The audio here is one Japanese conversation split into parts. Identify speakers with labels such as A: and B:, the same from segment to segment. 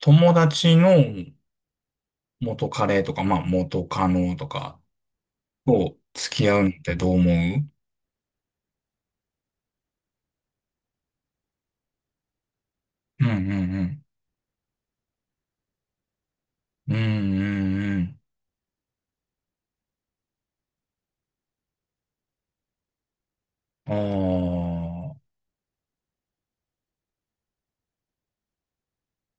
A: 友達の元カレとか、まあ元カノとかと付き合うのってどう思う？うんうんうん。うんうんうん。あ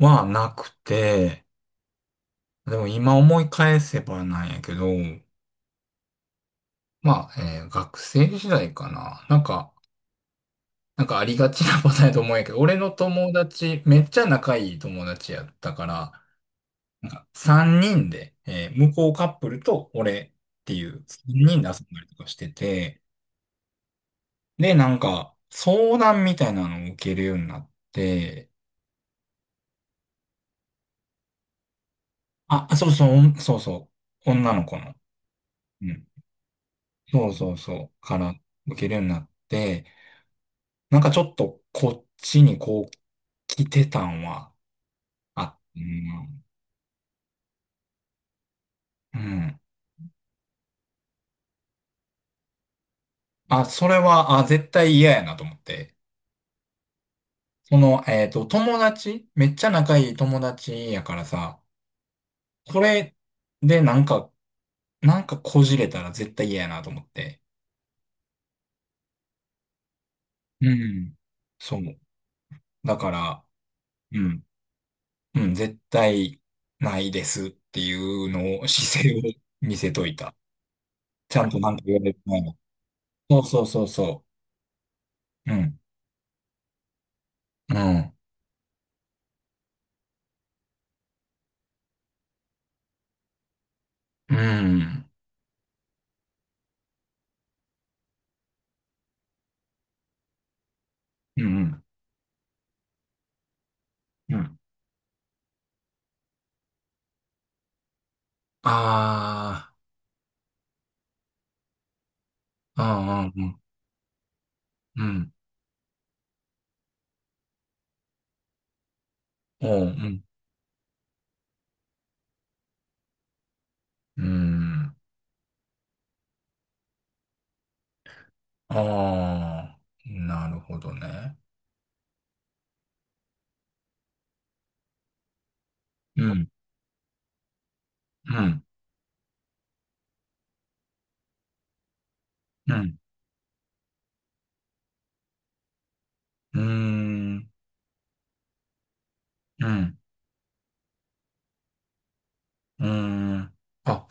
A: あ。はなくて、でも今思い返せばなんやけど、まあ、学生時代かな。なんかありがちなパターンやと思うんやけど、俺の友達、めっちゃ仲いい友達やったから、なんか3人で、向こうカップルと俺っていう3人で遊んだりとかしてて、で、なんか、相談みたいなのを受けるようになって、あ、そうそう、そうそう、女の子の。うん。そうそうそう、から受けるようになって、なんかちょっとこっちにこう、来てたんはあってんな。うん。あ、それは、あ、絶対嫌やなと思って。その、友達、めっちゃ仲いい友達やからさ、これでなんか、なんかこじれたら絶対嫌やなと思って。うん。そう。だから、うん、うん、絶対ないですっていうのを、姿勢を見せといた。ちゃんとなんか言われてないの。そうそうそうそう。うん、うん、うん、うん、うん。ああ、うん、うん、うん、うん、うん、うん。ああ、なるほどね。うん、うん、うん、うん、うん、うん。あ、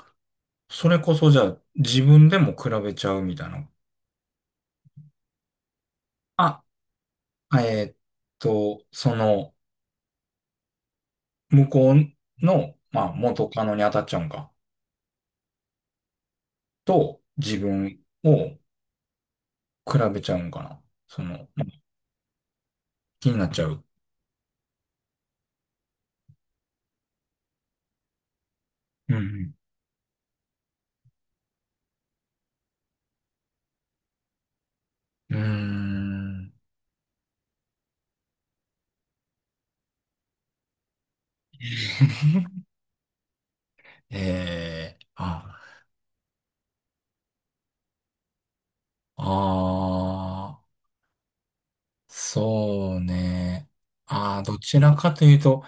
A: それこそじゃあ自分でも比べちゃうみたいな。あ、えーっその、向こうの、まあ、元カノに当たっちゃうんか。と、自分を比べちゃうんかな。その、まあ気になっちゃう。うんうん。うーん。えー、あ、あー、そうね。あー、どちらかというと、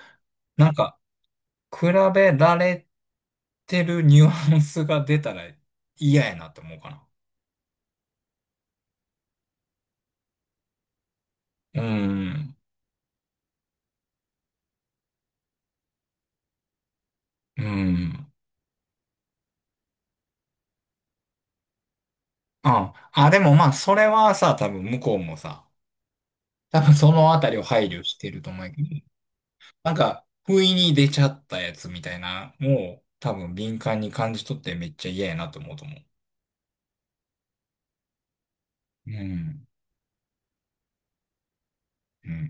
A: なんか、比べられてるニュアンスが出たら嫌やなって思うかな。うん。うん。ああ、でもまあ、それはさ、多分向こうもさ、多分そのあたりを配慮してると思うけど、なんか、不意に出ちゃったやつみたいな、もう多分敏感に感じ取ってめっちゃ嫌やなと思うと思う。うん。うん。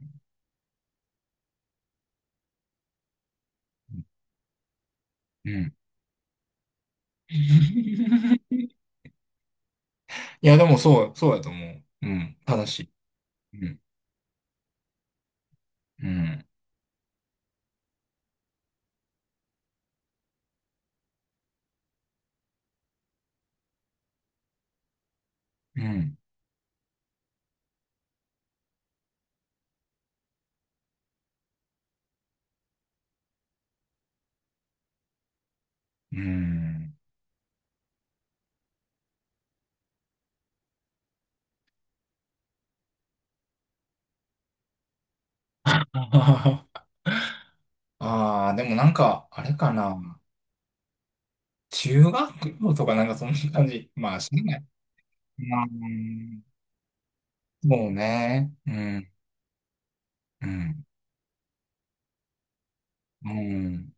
A: うん。いや、でもそう、そうやと思う。うん。正しい。うん。うん。うん。うん。ああー、でもなんか、あれかな。中学校とかなんかそんな感じ。まあ、しない。うんそうね。うん、うん、うん。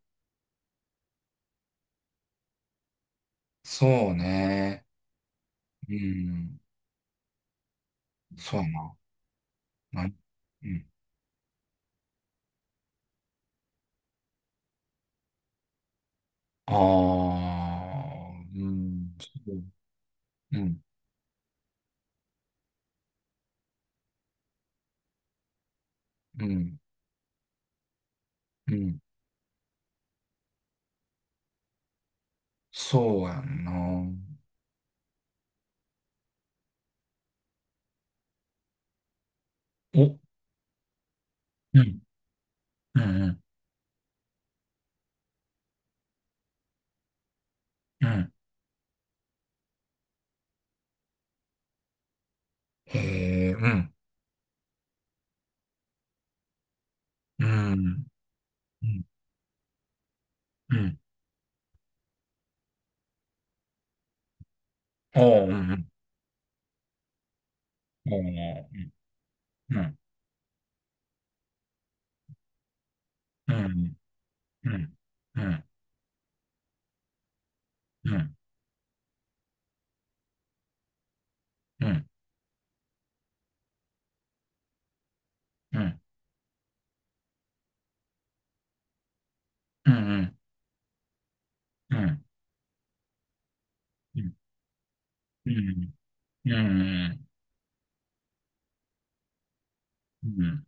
A: そうね。うん、そうやな。なうん。ああ、うん、そう、うん、うん、うん。そうやんな。お、うん、うん、うん、うん。へえ、うん、うん、うん、うん。あううん。あううん、うん、うん、うん、うん、うん、うん、うん、うん、うん、うん、うん。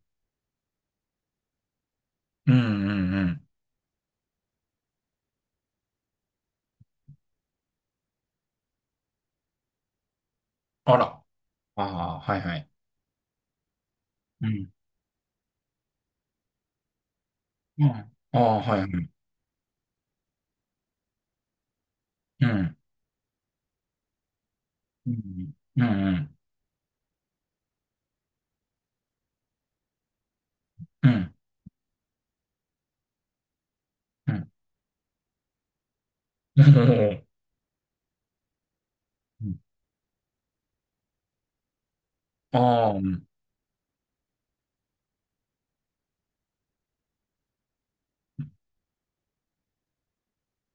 A: うんうんうん。あら。ああ、はいはい。うん。うん。ああ、はいはい。うん。うん。うん。うん。うん。うん。うんああ、うん。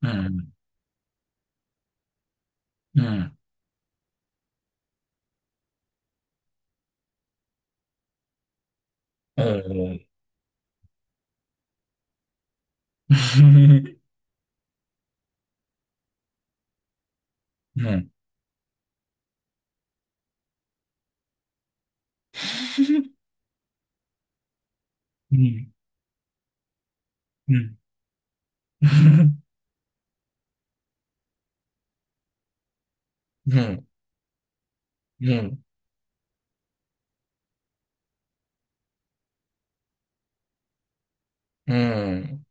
A: うん。うん。おーうん。うん。うん。うん。うん。うん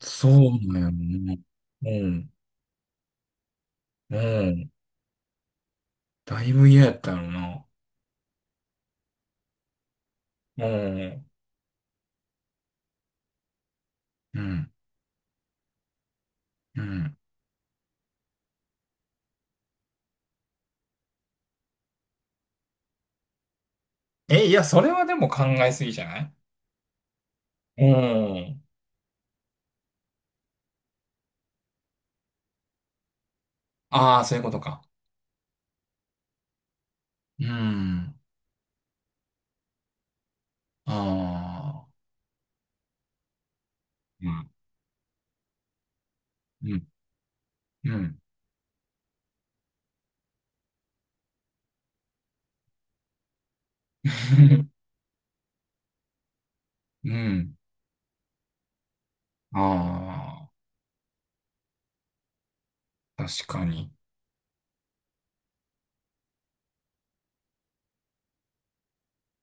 A: そうだよね。うん。うん。だいぶ嫌やったよな。うん。うん。うん。え、いや、それはでも考えすぎじゃない？うん。ああ、そういうことか。うん。ああ。うん。うん。うん。うん。ああ、確かに。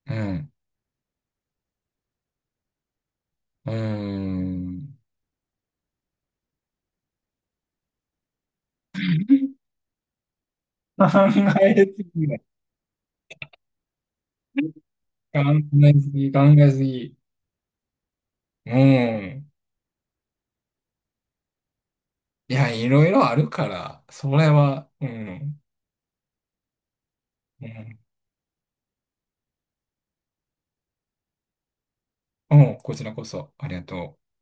A: うん。うーん。考えすぎだ。考えすぎ、考えすぎ。うん。いや、いろいろあるから、それは、うん。うん。うん、こちらこそ、ありがとう。